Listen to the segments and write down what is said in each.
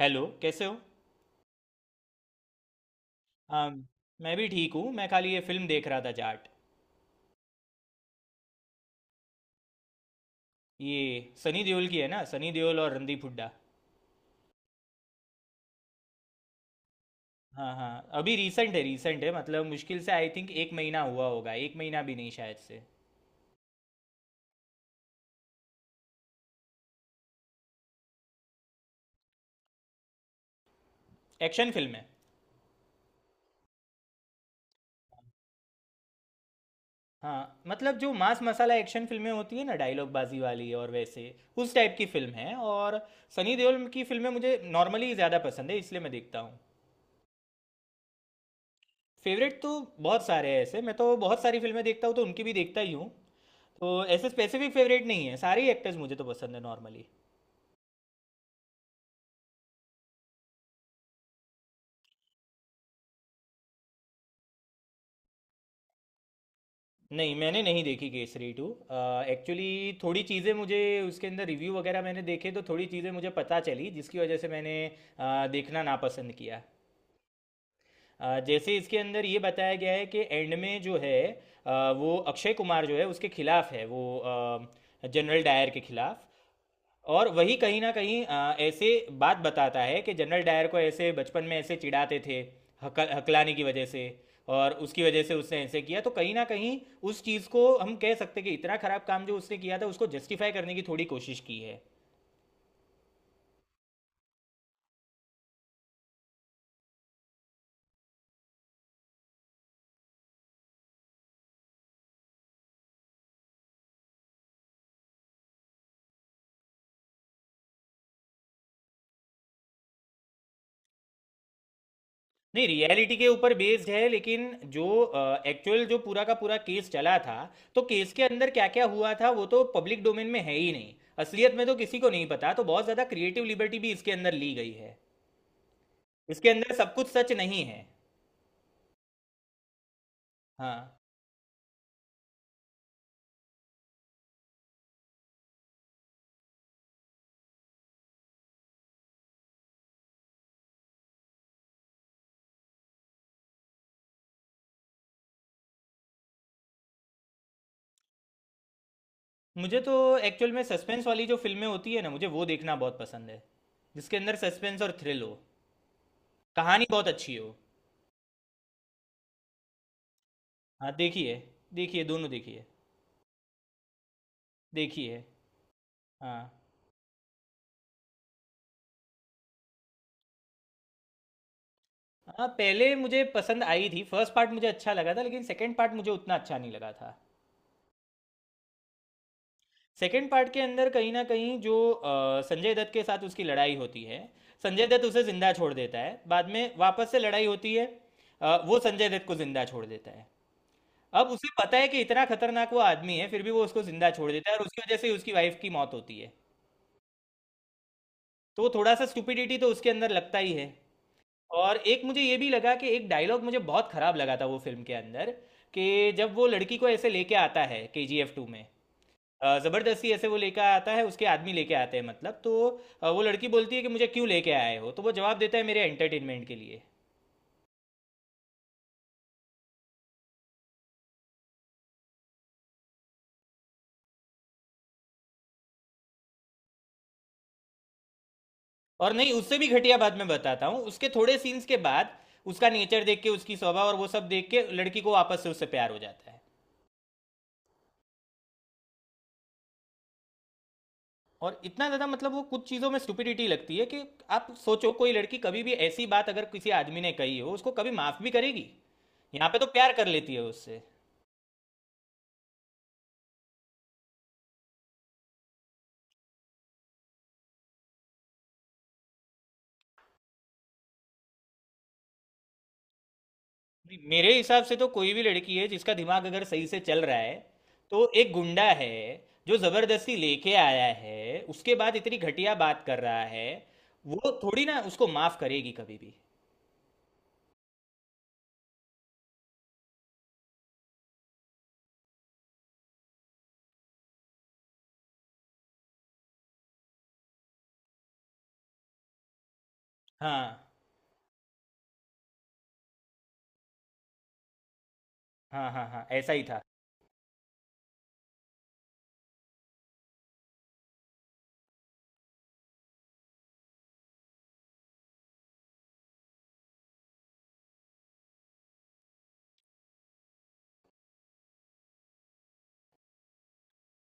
Hello, कैसे हो? हाँ, मैं भी ठीक हूँ। मैं खाली ये फिल्म देख रहा था, जाट। ये सनी देओल की है ना, सनी देओल और रणदीप हुड्डा। हाँ हाँ, अभी रिसेंट है, मतलब मुश्किल से आई थिंक एक महीना हुआ होगा, एक महीना भी नहीं शायद से। एक्शन फिल्म है। हाँ, मतलब जो मास मसाला एक्शन फिल्में होती है ना, डायलॉग बाजी वाली, और वैसे उस टाइप की फिल्म है। और सनी देओल की फिल्में मुझे नॉर्मली ज़्यादा पसंद है, इसलिए मैं देखता हूँ। फेवरेट तो बहुत सारे हैं ऐसे। मैं तो बहुत सारी फिल्में देखता हूँ, तो उनकी भी देखता ही हूँ। तो ऐसे स्पेसिफिक फेवरेट नहीं है, सारे एक्टर्स मुझे तो पसंद है नॉर्मली। नहीं, मैंने नहीं देखी केसरी टू। एक्चुअली थोड़ी चीज़ें मुझे उसके अंदर, रिव्यू वगैरह मैंने देखे, तो थोड़ी चीज़ें मुझे पता चली जिसकी वजह से मैंने देखना नापसंद किया। जैसे इसके अंदर ये बताया गया है कि एंड में जो है, वो अक्षय कुमार जो है, उसके खिलाफ है वो, जनरल डायर के खिलाफ। और वही कहीं ना कहीं ऐसे बात बताता है कि जनरल डायर को ऐसे बचपन में ऐसे चिढ़ाते थे, हकलाने की वजह से, और उसकी वजह से उसने ऐसे किया। तो कहीं ना कहीं उस चीज़ को हम कह सकते कि इतना खराब काम जो उसने किया था, उसको जस्टिफाई करने की थोड़ी कोशिश की है। नहीं, रियलिटी के ऊपर बेस्ड है लेकिन जो एक्चुअल जो पूरा का पूरा केस चला था, तो केस के अंदर क्या क्या हुआ था वो तो पब्लिक डोमेन में है ही नहीं। असलियत में तो किसी को नहीं पता, तो बहुत ज़्यादा क्रिएटिव लिबर्टी भी इसके अंदर ली गई है। इसके अंदर सब कुछ सच नहीं है। हाँ, मुझे तो एक्चुअल में सस्पेंस वाली जो फ़िल्में होती है ना, मुझे वो देखना बहुत पसंद है। जिसके अंदर सस्पेंस और थ्रिल हो। कहानी बहुत अच्छी हो। हाँ, देखी है। देखी है, दोनों देखी है। देखी है, हाँ। हाँ, पहले मुझे पसंद आई थी, फर्स्ट पार्ट मुझे अच्छा लगा था, लेकिन सेकंड पार्ट मुझे उतना अच्छा नहीं लगा था। सेकंड पार्ट के अंदर कहीं न कहीं जो संजय दत्त के साथ उसकी लड़ाई होती है, संजय दत्त उसे ज़िंदा छोड़ देता है, बाद में वापस से लड़ाई होती है, वो संजय दत्त को ज़िंदा छोड़ देता है। अब उसे पता है कि इतना खतरनाक वो आदमी है, फिर भी वो उसको जिंदा छोड़ देता है और उसकी वजह से ही उसकी वाइफ की मौत होती है। तो थोड़ा सा स्टुपिडिटी तो उसके अंदर लगता ही है। और एक मुझे ये भी लगा कि एक डायलॉग मुझे बहुत खराब लगा था वो फिल्म के अंदर। कि जब वो लड़की को ऐसे लेके आता है KGF 2 में, जबरदस्ती ऐसे वो लेके आता है, उसके आदमी लेके आते हैं मतलब। तो वो लड़की बोलती है कि मुझे क्यों लेके आए हो, तो वो जवाब देता है मेरे एंटरटेनमेंट के लिए। और नहीं, उससे भी घटिया बाद में बताता हूँ, उसके थोड़े सीन्स के बाद उसका नेचर देख के, उसकी स्वभाव और वो सब देख के लड़की को वापस से उससे प्यार हो जाता है। और इतना ज़्यादा मतलब वो कुछ चीज़ों में स्टुपिडिटी लगती है कि आप सोचो, कोई लड़की कभी भी ऐसी बात अगर किसी आदमी ने कही हो, उसको कभी माफ़ भी करेगी? यहाँ पे तो प्यार कर लेती है उससे। नहीं, मेरे हिसाब से तो कोई भी लड़की है जिसका दिमाग अगर सही से चल रहा है, तो एक गुंडा है जो ज़बरदस्ती लेके आया है, उसके बाद इतनी घटिया बात कर रहा है, वो थोड़ी ना उसको माफ़ करेगी कभी भी। हाँ, हाँ, हाँ, हाँ, ऐसा ही था।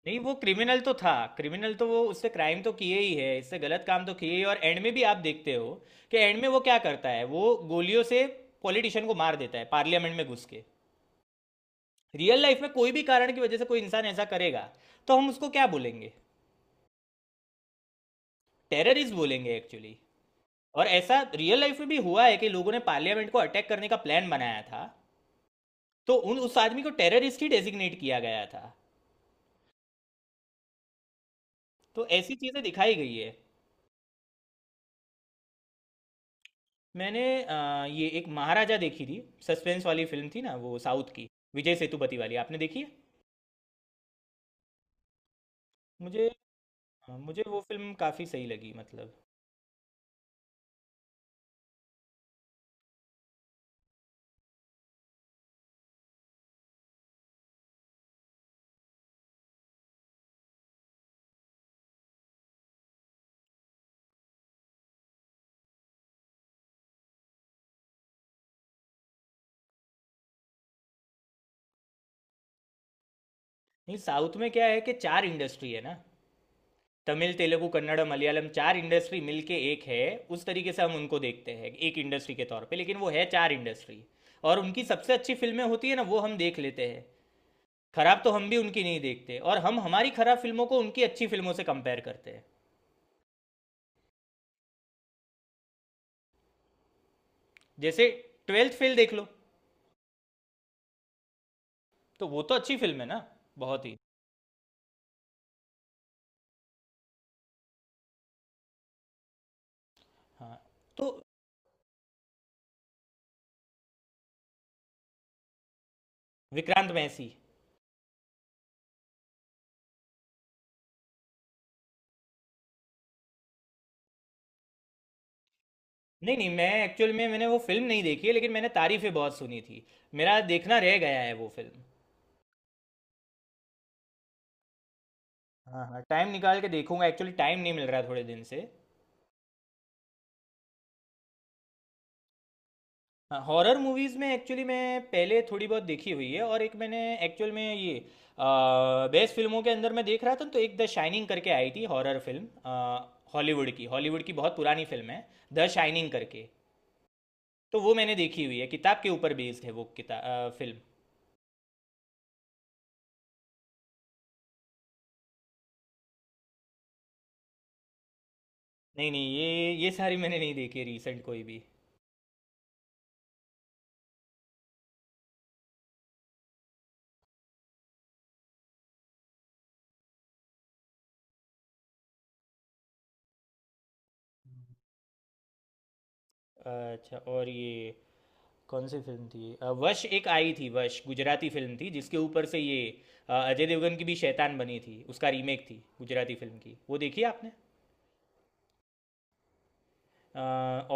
नहीं, वो क्रिमिनल तो था, क्रिमिनल तो वो, उससे क्राइम तो किए ही है, इससे गलत काम तो किए ही। और एंड में भी आप देखते हो कि एंड में वो क्या करता है, वो गोलियों से पॉलिटिशियन को मार देता है पार्लियामेंट में घुस के। रियल लाइफ में कोई भी कारण की वजह से कोई इंसान ऐसा करेगा, तो हम उसको क्या बोलेंगे? टेररिस्ट बोलेंगे एक्चुअली। और ऐसा रियल लाइफ में भी हुआ है कि लोगों ने पार्लियामेंट को अटैक करने का प्लान बनाया था, तो उन उस आदमी को टेररिस्ट ही डेजिग्नेट किया गया था। तो ऐसी चीजें दिखाई गई है। मैंने ये एक महाराजा देखी थी, सस्पेंस वाली फिल्म थी ना, वो साउथ की, विजय सेतुपति वाली, आपने देखी है? मुझे मुझे वो फिल्म काफ़ी सही लगी मतलब। नहीं, साउथ में क्या है कि चार इंडस्ट्री है ना, तमिल, तेलुगु, कन्नड़, मलयालम, चार इंडस्ट्री मिलके एक है। उस तरीके से हम उनको देखते हैं एक इंडस्ट्री के तौर पे, लेकिन वो है चार इंडस्ट्री। और उनकी सबसे अच्छी फिल्में होती है ना, वो हम देख लेते हैं। खराब तो हम भी उनकी नहीं देखते, और हम हमारी खराब फिल्मों को उनकी अच्छी फिल्मों से कंपेयर करते हैं। जैसे ट्वेल्थ फेल देख लो, तो वो तो अच्छी फिल्म है ना, बहुत ही। हाँ, तो विक्रांत मैसी। नहीं नहीं, मैं एक्चुअल में, मैंने वो फिल्म नहीं देखी है लेकिन मैंने तारीफें बहुत सुनी थी। मेरा देखना रह गया है वो फिल्म। हाँ हाँ, टाइम निकाल के देखूंगा। एक्चुअली टाइम नहीं मिल रहा है थोड़े दिन से। हाँ, हॉरर मूवीज़ में एक्चुअली मैं पहले थोड़ी बहुत देखी हुई है। और एक मैंने एक्चुअल में ये बेस्ट फिल्मों के अंदर मैं देख रहा था, तो एक द शाइनिंग करके आई थी हॉरर फिल्म, हॉलीवुड की। हॉलीवुड की बहुत पुरानी फिल्म है, द शाइनिंग करके। तो वो मैंने देखी हुई है, किताब के ऊपर बेस्ड है वो किताब फिल्म। नहीं नहीं, ये सारी मैंने नहीं देखी है रिसेंट, कोई भी। अच्छा, और ये कौन सी फिल्म थी, वश एक आई थी, वश गुजराती फिल्म थी जिसके ऊपर से ये अजय देवगन की भी शैतान बनी थी, उसका रीमेक थी गुजराती फिल्म की, वो देखी है आपने? अ,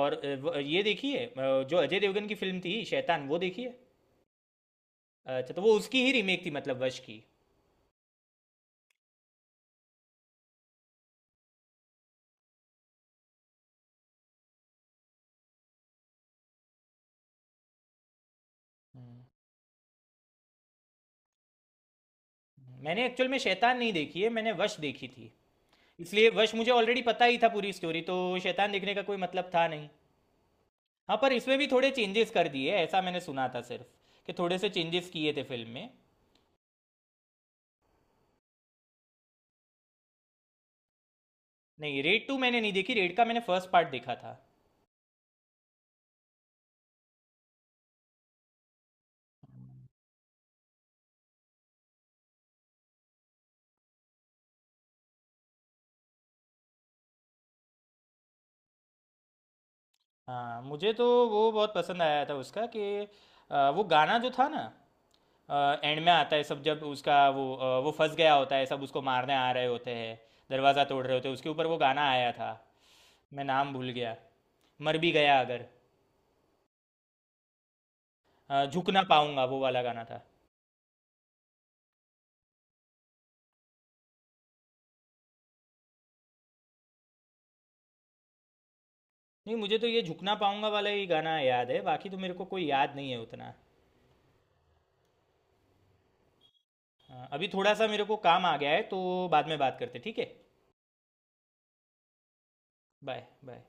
और अ, व- ये देखी है जो अजय देवगन की फिल्म थी शैतान, वो देखी है? अच्छा, तो वो उसकी ही रीमेक थी मतलब, वश की। मैंने एक्चुअल में शैतान नहीं देखी है, मैंने वश देखी थी, इसलिए वश मुझे ऑलरेडी पता ही था पूरी स्टोरी। तो शैतान देखने का कोई मतलब था नहीं। हाँ, पर इसमें भी थोड़े चेंजेस कर दिए ऐसा मैंने सुना था, सिर्फ कि थोड़े से चेंजेस किए थे फिल्म में। नहीं, रेड टू मैंने नहीं देखी, रेड का मैंने फर्स्ट पार्ट देखा था। हाँ, मुझे तो वो बहुत पसंद आया था उसका, कि वो गाना जो था ना, एंड में आता है सब, जब उसका वो वो फंस गया होता है, सब उसको मारने आ रहे होते हैं, दरवाज़ा तोड़ रहे होते हैं, उसके ऊपर वो गाना आया था। मैं नाम भूल गया। मर भी गया अगर, झुक ना पाऊंगा, वो वाला गाना था। नहीं, मुझे तो ये झुकना पाऊंगा वाला ही गाना याद है, बाकी तो मेरे को कोई याद नहीं है उतना। हाँ, अभी थोड़ा सा मेरे को काम आ गया है, तो बाद में बात करते, ठीक है? Bye bye.